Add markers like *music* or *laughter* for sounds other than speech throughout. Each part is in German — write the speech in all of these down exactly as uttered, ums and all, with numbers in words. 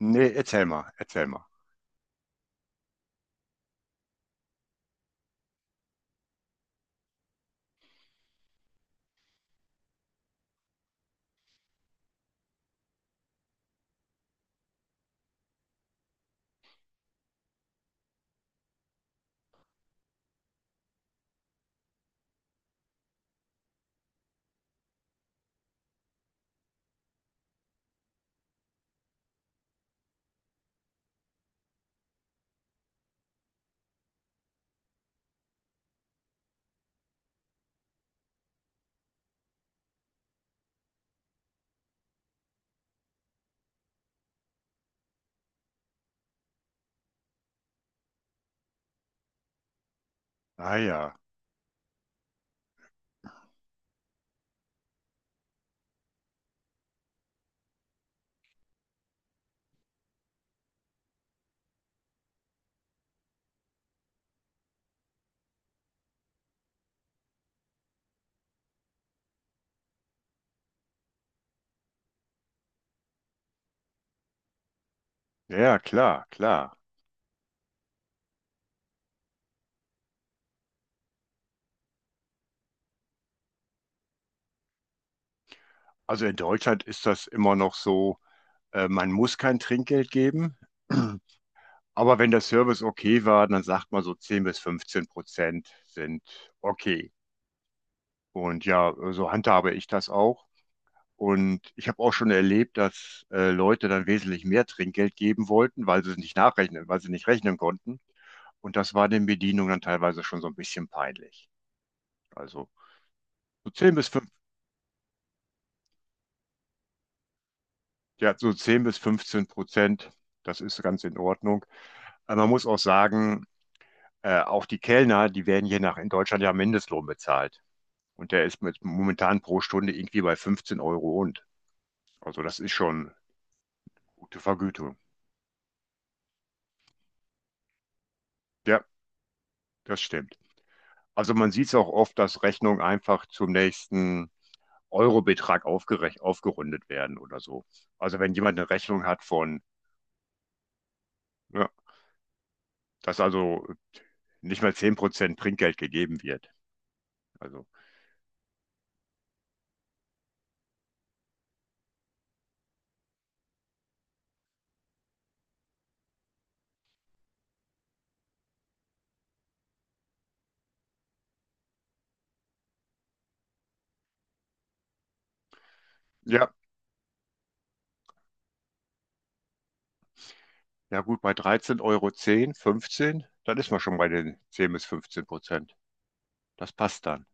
Nee, erzähl mal, erzähl mal. Ah ja, ja, klar, klar. Also in Deutschland ist das immer noch so, äh, man muss kein Trinkgeld geben, *clears throat* aber wenn der Service okay war, dann sagt man so zehn bis fünfzehn Prozent sind okay. Und ja, so handhabe ich das auch. Und ich habe auch schon erlebt, dass äh, Leute dann wesentlich mehr Trinkgeld geben wollten, weil sie es nicht nachrechnen, weil sie nicht rechnen konnten. Und das war den Bedienungen dann teilweise schon so ein bisschen peinlich. Also, so zehn bis ja, so zehn bis fünfzehn Prozent, das ist ganz in Ordnung. Aber man muss auch sagen, äh, auch die Kellner, die werden hier nach in Deutschland ja Mindestlohn bezahlt. Und der ist mit, momentan pro Stunde irgendwie bei fünfzehn Euro und. Also, das ist schon gute Vergütung. Ja, das stimmt. Also man sieht es auch oft, dass Rechnungen einfach zum nächsten Eurobetrag aufgerech- aufgerundet werden oder so. Also wenn jemand eine Rechnung hat von, ja, dass also nicht mal zehn Prozent Trinkgeld gegeben wird. Also. Ja, ja gut, bei dreizehn Euro zehn, fünfzehn, dann ist man schon bei den zehn bis fünfzehn Prozent. Das passt dann.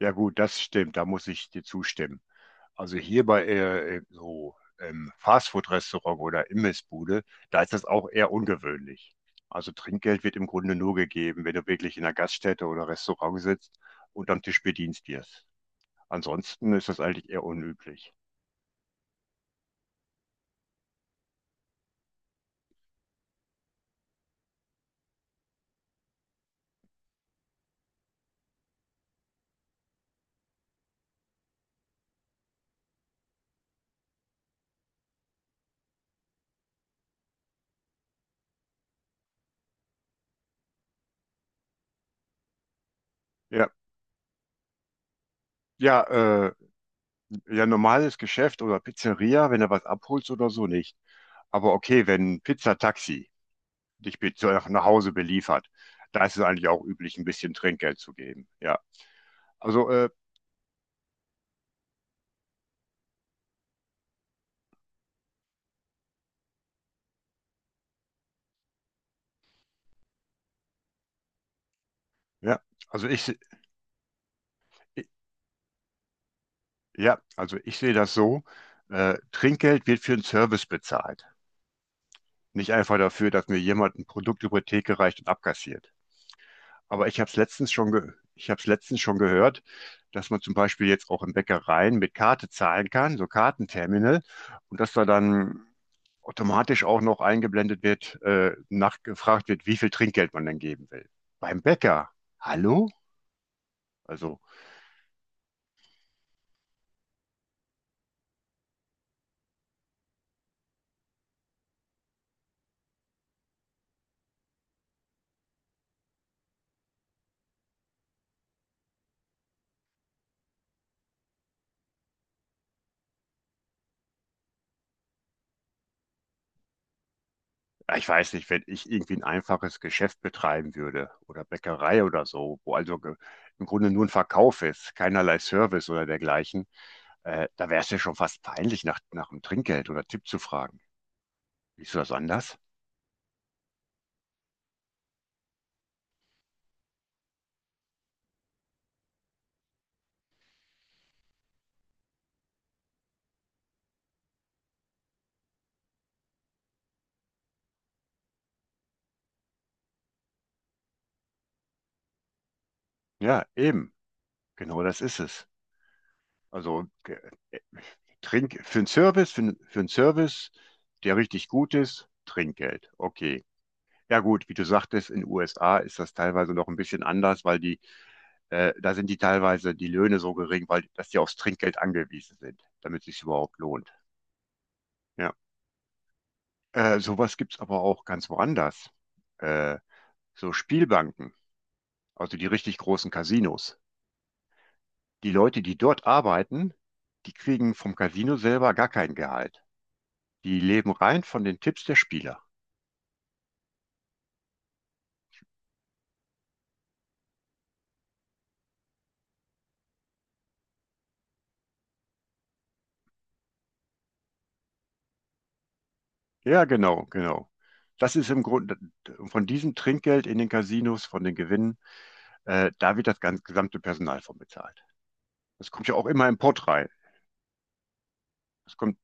Ja gut, das stimmt, da muss ich dir zustimmen. Also hier bei äh, äh, so ähm, Fastfood-Restaurant oder Imbissbude, da ist das auch eher ungewöhnlich. Also Trinkgeld wird im Grunde nur gegeben, wenn du wirklich in einer Gaststätte oder Restaurant sitzt und am Tisch bedient wirst. Ansonsten ist das eigentlich eher unüblich. Ja, ja, äh, ja, normales Geschäft oder Pizzeria, wenn du was abholst oder so nicht. Aber okay, wenn ein Pizzataxi dich be- zu- nach nach Hause beliefert, da ist es eigentlich auch üblich, ein bisschen Trinkgeld zu geben. Ja, also äh, ja, also ich, se- i- ja, also ich sehe das so: äh, Trinkgeld wird für einen Service bezahlt, nicht einfach dafür, dass mir jemand ein Produkt über die Theke reicht und abkassiert. Aber ich habe es letztens schon ge ich habe es letztens schon gehört, dass man zum Beispiel jetzt auch in Bäckereien mit Karte zahlen kann, so Kartenterminal, und dass da dann automatisch auch noch eingeblendet wird, äh, nachgefragt wird, wie viel Trinkgeld man denn geben will. Beim Bäcker, hallo? Also, ja, ich weiß nicht, wenn ich irgendwie ein einfaches Geschäft betreiben würde oder Bäckerei oder so, wo also ge- im Grunde nur ein Verkauf ist, keinerlei Service oder dergleichen, äh, da wäre es ja schon fast peinlich, nach, nach dem Trinkgeld oder Tipp zu fragen. Siehst du das anders? Ja, eben. Genau das ist es. Also ge- äh, Trink für einen Service, für, 'n- für einen Service, der richtig gut ist, Trinkgeld. Okay. Ja gut, wie du sagtest, in den U S A ist das teilweise noch ein bisschen anders, weil die, äh, da sind die teilweise die Löhne so gering, weil dass die aufs Trinkgeld angewiesen sind, damit es sich überhaupt lohnt. Ja. Äh, sowas gibt's aber auch ganz woanders. Äh, so Spielbanken, also die richtig großen Casinos. Die Leute, die dort arbeiten, die kriegen vom Casino selber gar kein Gehalt. Die leben rein von den Tipps der Spieler. Ja, genau, genau. Das ist im Grunde von diesem Trinkgeld in den Casinos, von den Gewinnen, äh, da wird das ganze gesamte Personal von bezahlt. Das kommt ja auch immer im Pott rein. Das kommt,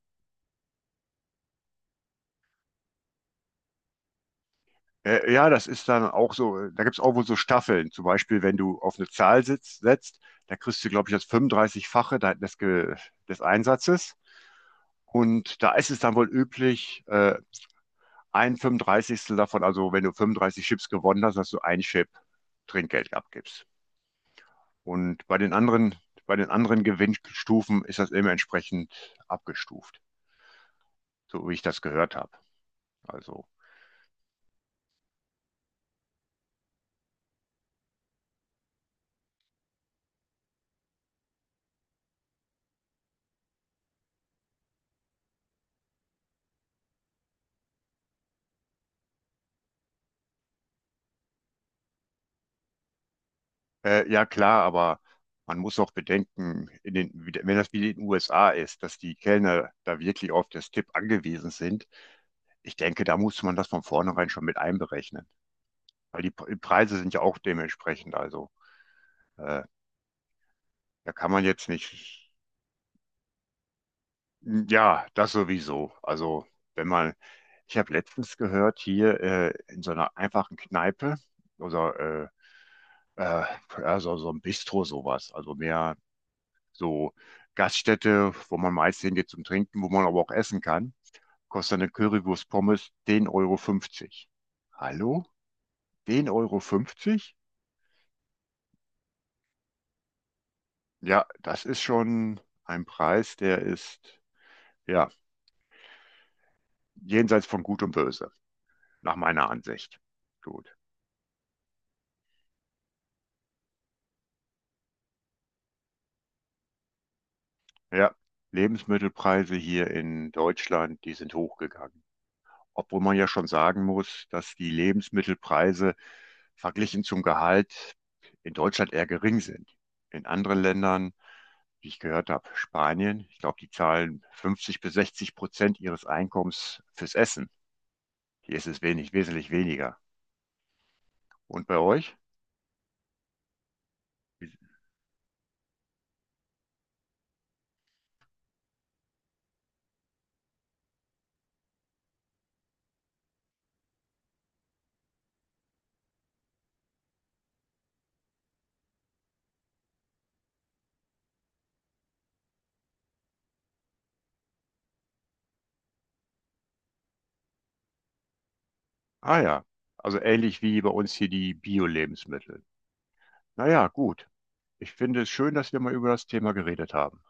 äh, ja, das ist dann auch so, äh, da gibt es auch wohl so Staffeln. Zum Beispiel, wenn du auf eine Zahl sitzt, setzt, da kriegst du, glaube ich, das fünfunddreißig-fache de- des, Ge- des Einsatzes. Und da ist es dann wohl üblich, äh, ein fünfunddreißigstel davon, also wenn du fünfunddreißig Chips gewonnen hast, dass du ein Chip Trinkgeld abgibst. Und bei den anderen, bei den anderen Gewinnstufen ist das immer entsprechend abgestuft, so wie ich das gehört habe. Also, äh, ja, klar, aber man muss auch bedenken, in den, wie- wenn das wie in den U S A ist, dass die Kellner da wirklich auf das Tipp angewiesen sind. Ich denke, da muss man das von vornherein schon mit einberechnen, weil die Pre- Preise sind ja auch dementsprechend. Also, äh, da kann man jetzt nicht. Hm. Ja, das sowieso. Also, wenn man, ich habe letztens gehört, hier äh, in so einer einfachen Kneipe oder äh, äh, ja, so, so ein Bistro sowas, also mehr so Gaststätte, wo man meist hingeht zum Trinken, wo man aber auch essen kann, kostet eine Currywurst Pommes zehn Euro fünfzig fünfzig. Hallo? zehn Euro fünfzig fünfzig? Ja, das ist schon ein Preis, der ist, ja, jenseits von Gut und Böse, nach meiner Ansicht. Gut. Ja, Lebensmittelpreise hier in Deutschland, die sind hochgegangen. Obwohl man ja schon sagen muss, dass die Lebensmittelpreise verglichen zum Gehalt in Deutschland eher gering sind. In anderen Ländern, wie ich gehört habe, Spanien, ich glaube, die zahlen fünfzig bis sechzig Prozent ihres Einkommens fürs Essen. Hier ist es wenig, wesentlich weniger. Und bei euch? Ah ja, also ähnlich wie bei uns hier die Bio-Lebensmittel. Naja, gut. Ich finde es schön, dass wir mal über das Thema geredet haben.